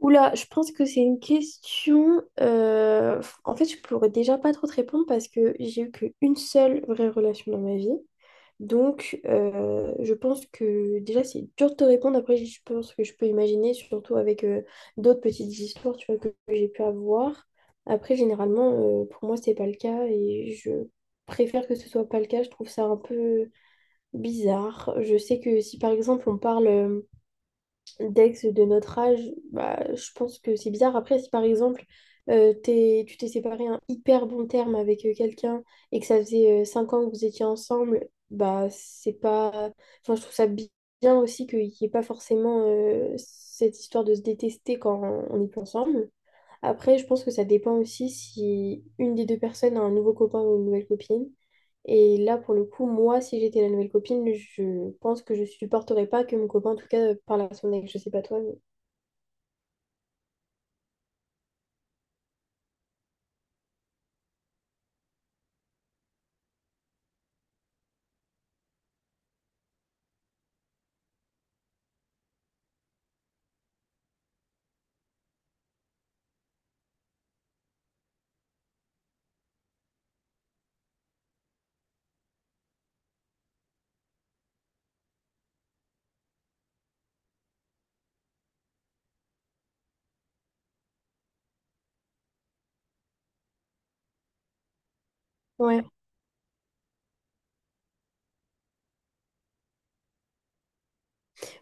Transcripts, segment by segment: Oula, je pense que c'est une question. En fait, je pourrais déjà pas trop te répondre parce que j'ai eu qu'une seule vraie relation dans ma vie. Donc, je pense que déjà, c'est dur de te répondre. Après, je pense que je peux imaginer, surtout avec d'autres petites histoires, tu vois, que j'ai pu avoir. Après, généralement, pour moi, c'est pas le cas et je préfère que ce soit pas le cas. Je trouve ça un peu bizarre. Je sais que si, par exemple, on parle, d'ex de notre âge, bah, je pense que c'est bizarre. Après, si par exemple, tu t'es séparé un hyper bon terme avec quelqu'un et que ça faisait 5 ans que vous étiez ensemble, bah c'est pas... Enfin, je trouve ça bien aussi qu'il n'y ait pas forcément cette histoire de se détester quand on n'est plus ensemble. Après, je pense que ça dépend aussi si une des deux personnes a un nouveau copain ou une nouvelle copine. Et là, pour le coup, moi, si j'étais la nouvelle copine, je pense que je supporterais pas que mon copain, en tout cas, parle à son ex. Je sais pas toi, mais... Ouais.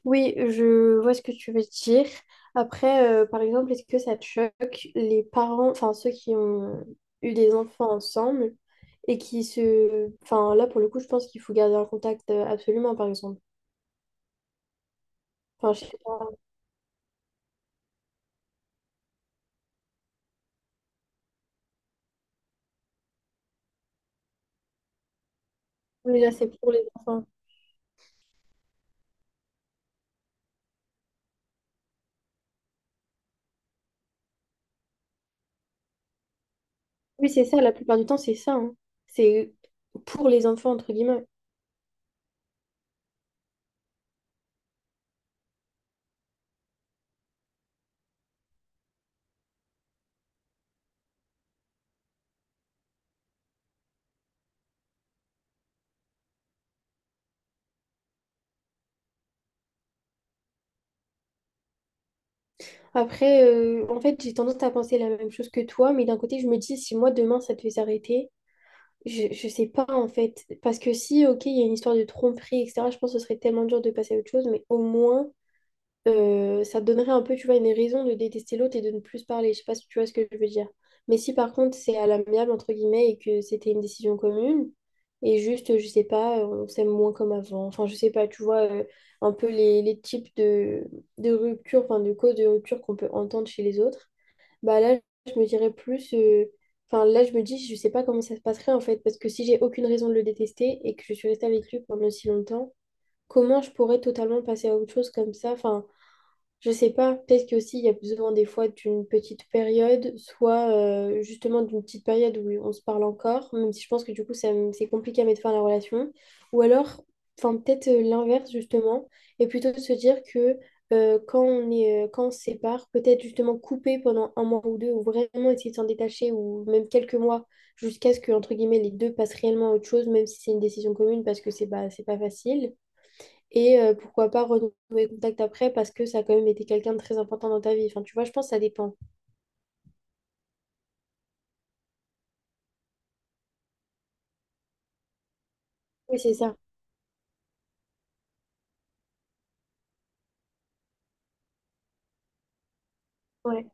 Oui, je vois ce que tu veux dire. Après, par exemple, est-ce que ça te choque les parents, enfin ceux qui ont eu des enfants ensemble et qui se... Enfin, là, pour le coup, je pense qu'il faut garder un contact absolument, par exemple. Enfin, je sais pas. Mais là, c'est pour les enfants. Oui, c'est ça, la plupart du temps, c'est ça, hein. C'est pour les enfants, entre guillemets. Après, en fait, j'ai tendance à penser la même chose que toi, mais d'un côté, je me dis, si moi, demain, ça devait s'arrêter, je sais pas, en fait. Parce que si, ok, il y a une histoire de tromperie, etc., je pense que ce serait tellement dur de passer à autre chose, mais au moins, ça te donnerait un peu, tu vois, une raison de détester l'autre et de ne plus se parler. Je sais pas si tu vois ce que je veux dire. Mais si par contre c'est à l'amiable, entre guillemets, et que c'était une décision commune, et juste, je sais pas, on s'aime moins comme avant. Enfin, je sais pas, tu vois, un peu les types de rupture, enfin, de causes de rupture qu'on peut entendre chez les autres, bah là, je me dirais plus. Enfin, là, je me dis, je sais pas comment ça se passerait en fait, parce que si j'ai aucune raison de le détester et que je suis restée avec lui pendant si longtemps, comment je pourrais totalement passer à autre chose comme ça? Enfin, je sais pas, peut-être qu'aussi il y a besoin des fois d'une petite période, soit justement d'une petite période où on se parle encore, même si je pense que du coup c'est compliqué à mettre fin à la relation, ou alors, enfin peut-être l'inverse justement, et plutôt de se dire que quand on est, quand on se sépare, peut-être justement couper pendant un mois ou deux, ou vraiment essayer de s'en détacher, ou même quelques mois, jusqu'à ce que, entre guillemets, les deux passent réellement à autre chose, même si c'est une décision commune, parce que c'est pas facile. Et pourquoi pas renouer contact après parce que ça a quand même été quelqu'un de très important dans ta vie. Enfin, tu vois, je pense que ça dépend. Oui, c'est ça. Ouais.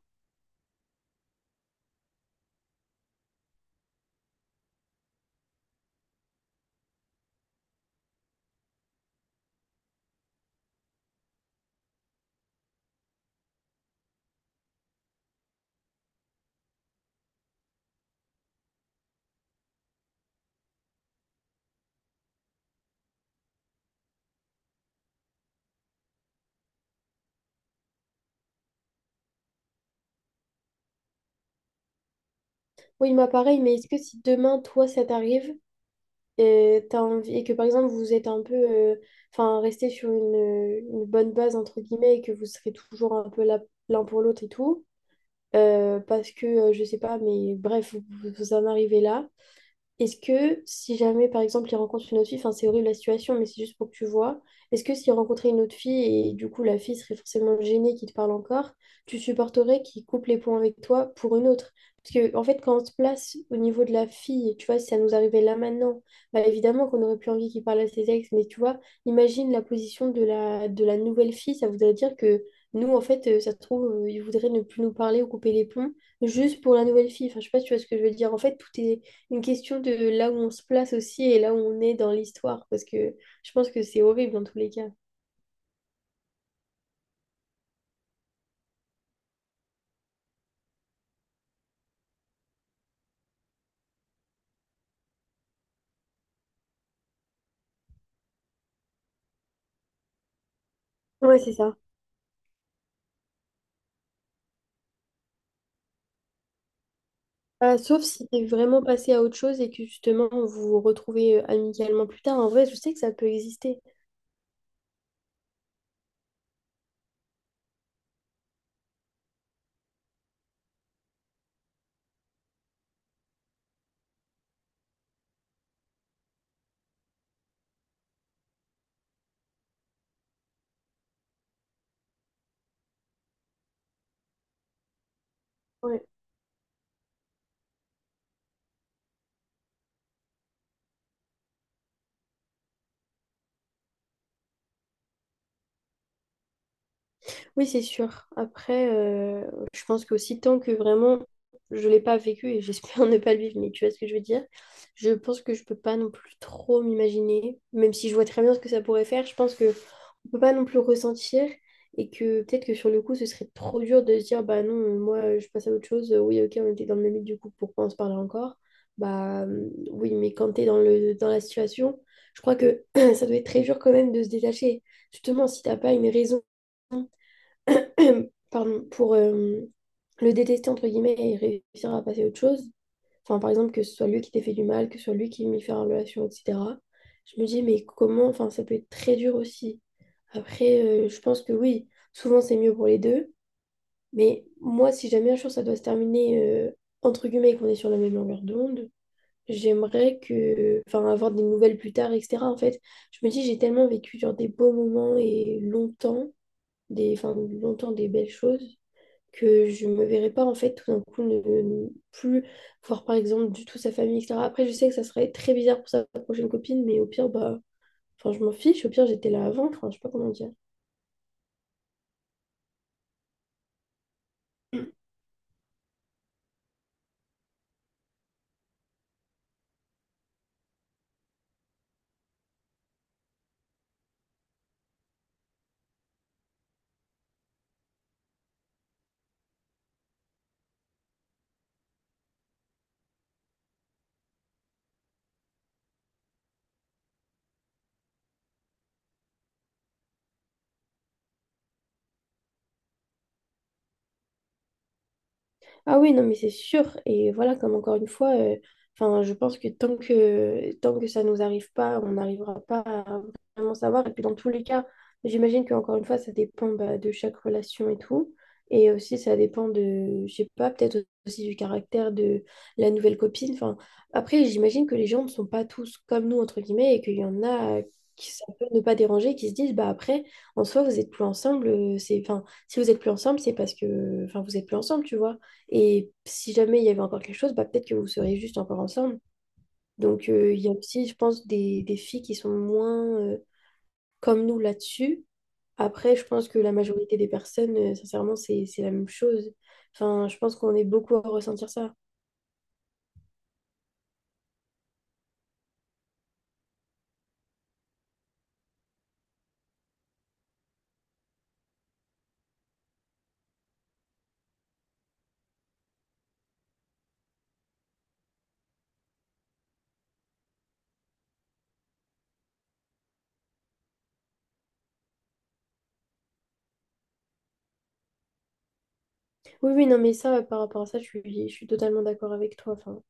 Oui, moi pareil, mais est-ce que si demain, toi, ça t'arrive et, t'as envie, et que par exemple, vous êtes un peu, enfin, resté sur une bonne base, entre guillemets, et que vous serez toujours un peu là l'un pour l'autre et tout, parce que, je sais pas, mais bref, vous, vous en arrivez là. Est-ce que si jamais, par exemple, il rencontre une autre fille, enfin, c'est horrible la situation, mais c'est juste pour que tu vois, est-ce que s'il rencontrait une autre fille et du coup la fille serait forcément gênée qu'il te parle encore, tu supporterais qu'il coupe les ponts avec toi pour une autre? Parce que, en fait, quand on se place au niveau de la fille, tu vois, si ça nous arrivait là maintenant, bah évidemment qu'on aurait plus envie qu'il parle à ses ex, mais tu vois, imagine la position de la nouvelle fille, ça voudrait dire que nous, en fait, ça se trouve, il voudrait ne plus nous parler ou couper les ponts juste pour la nouvelle fille. Enfin, je sais pas si tu vois ce que je veux dire. En fait, tout est une question de là où on se place aussi et là où on est dans l'histoire, parce que je pense que c'est horrible dans tous les cas. Ouais, c'est ça. Sauf si t'es vraiment passé à autre chose et que justement vous vous retrouvez amicalement plus tard. En vrai, je sais que ça peut exister. Ouais. Oui, c'est sûr. Après, je pense qu'aussi tant que vraiment je l'ai pas vécu et j'espère ne pas le vivre, mais tu vois ce que je veux dire, je pense que je peux pas non plus trop m'imaginer, même si je vois très bien ce que ça pourrait faire, je pense que on peut pas non plus ressentir et que peut-être que sur le coup, ce serait trop dur de se dire, bah non, moi je passe à autre chose, oui, ok, on était dans le même lit, du coup, pourquoi on se parlait encore? Bah oui, mais quand t'es dans la situation, je crois que ça doit être très dur quand même de se détacher. Justement, si t'as pas une raison pardon, pour le détester, entre guillemets, et réussir à passer à autre chose. Enfin, par exemple, que ce soit lui qui t'ait fait du mal, que ce soit lui qui m'ait fait en relation, etc. Je me dis, mais comment, enfin, ça peut être très dur aussi. Après, je pense que oui, souvent c'est mieux pour les deux, mais moi, si jamais un jour ça doit se terminer, euh, entre guillemets, et qu'on est sur la même longueur d'onde, j'aimerais que, enfin, avoir des nouvelles plus tard, etc. En fait, je me dis, j'ai tellement vécu genre des beaux moments et longtemps, des, enfin, longtemps des belles choses que je me verrais pas en fait tout d'un coup ne plus voir par exemple du tout sa famille, etc. Après, je sais que ça serait très bizarre pour sa prochaine copine, mais au pire, bah, enfin, je m'en fiche, au pire, j'étais là avant, enfin, je sais pas comment dire. Ah oui, non, mais c'est sûr. Et voilà, comme encore une fois, enfin, je pense que tant que ça ne nous arrive pas, on n'arrivera pas à vraiment savoir. Et puis dans tous les cas, j'imagine qu'encore une fois, ça dépend bah, de chaque relation et tout. Et aussi, ça dépend de, je sais pas, peut-être aussi du caractère de la nouvelle copine. Enfin, après, j'imagine que les gens ne sont pas tous comme nous, entre guillemets, et qu'il y en a qui ça peut ne pas déranger, qui se disent, bah après, en soi, vous êtes plus ensemble. C'est, enfin, si vous êtes plus ensemble, c'est parce que, enfin, vous êtes plus ensemble, tu vois. Et si jamais il y avait encore quelque chose, bah, peut-être que vous seriez juste encore ensemble. Donc, il y a aussi, je pense, des filles qui sont moins comme nous là-dessus. Après, je pense que la majorité des personnes, sincèrement, c'est la même chose. Enfin, je pense qu'on est beaucoup à ressentir ça. Oui, oui, non, mais ça, par rapport à ça, je suis totalement d'accord avec toi. Enfin,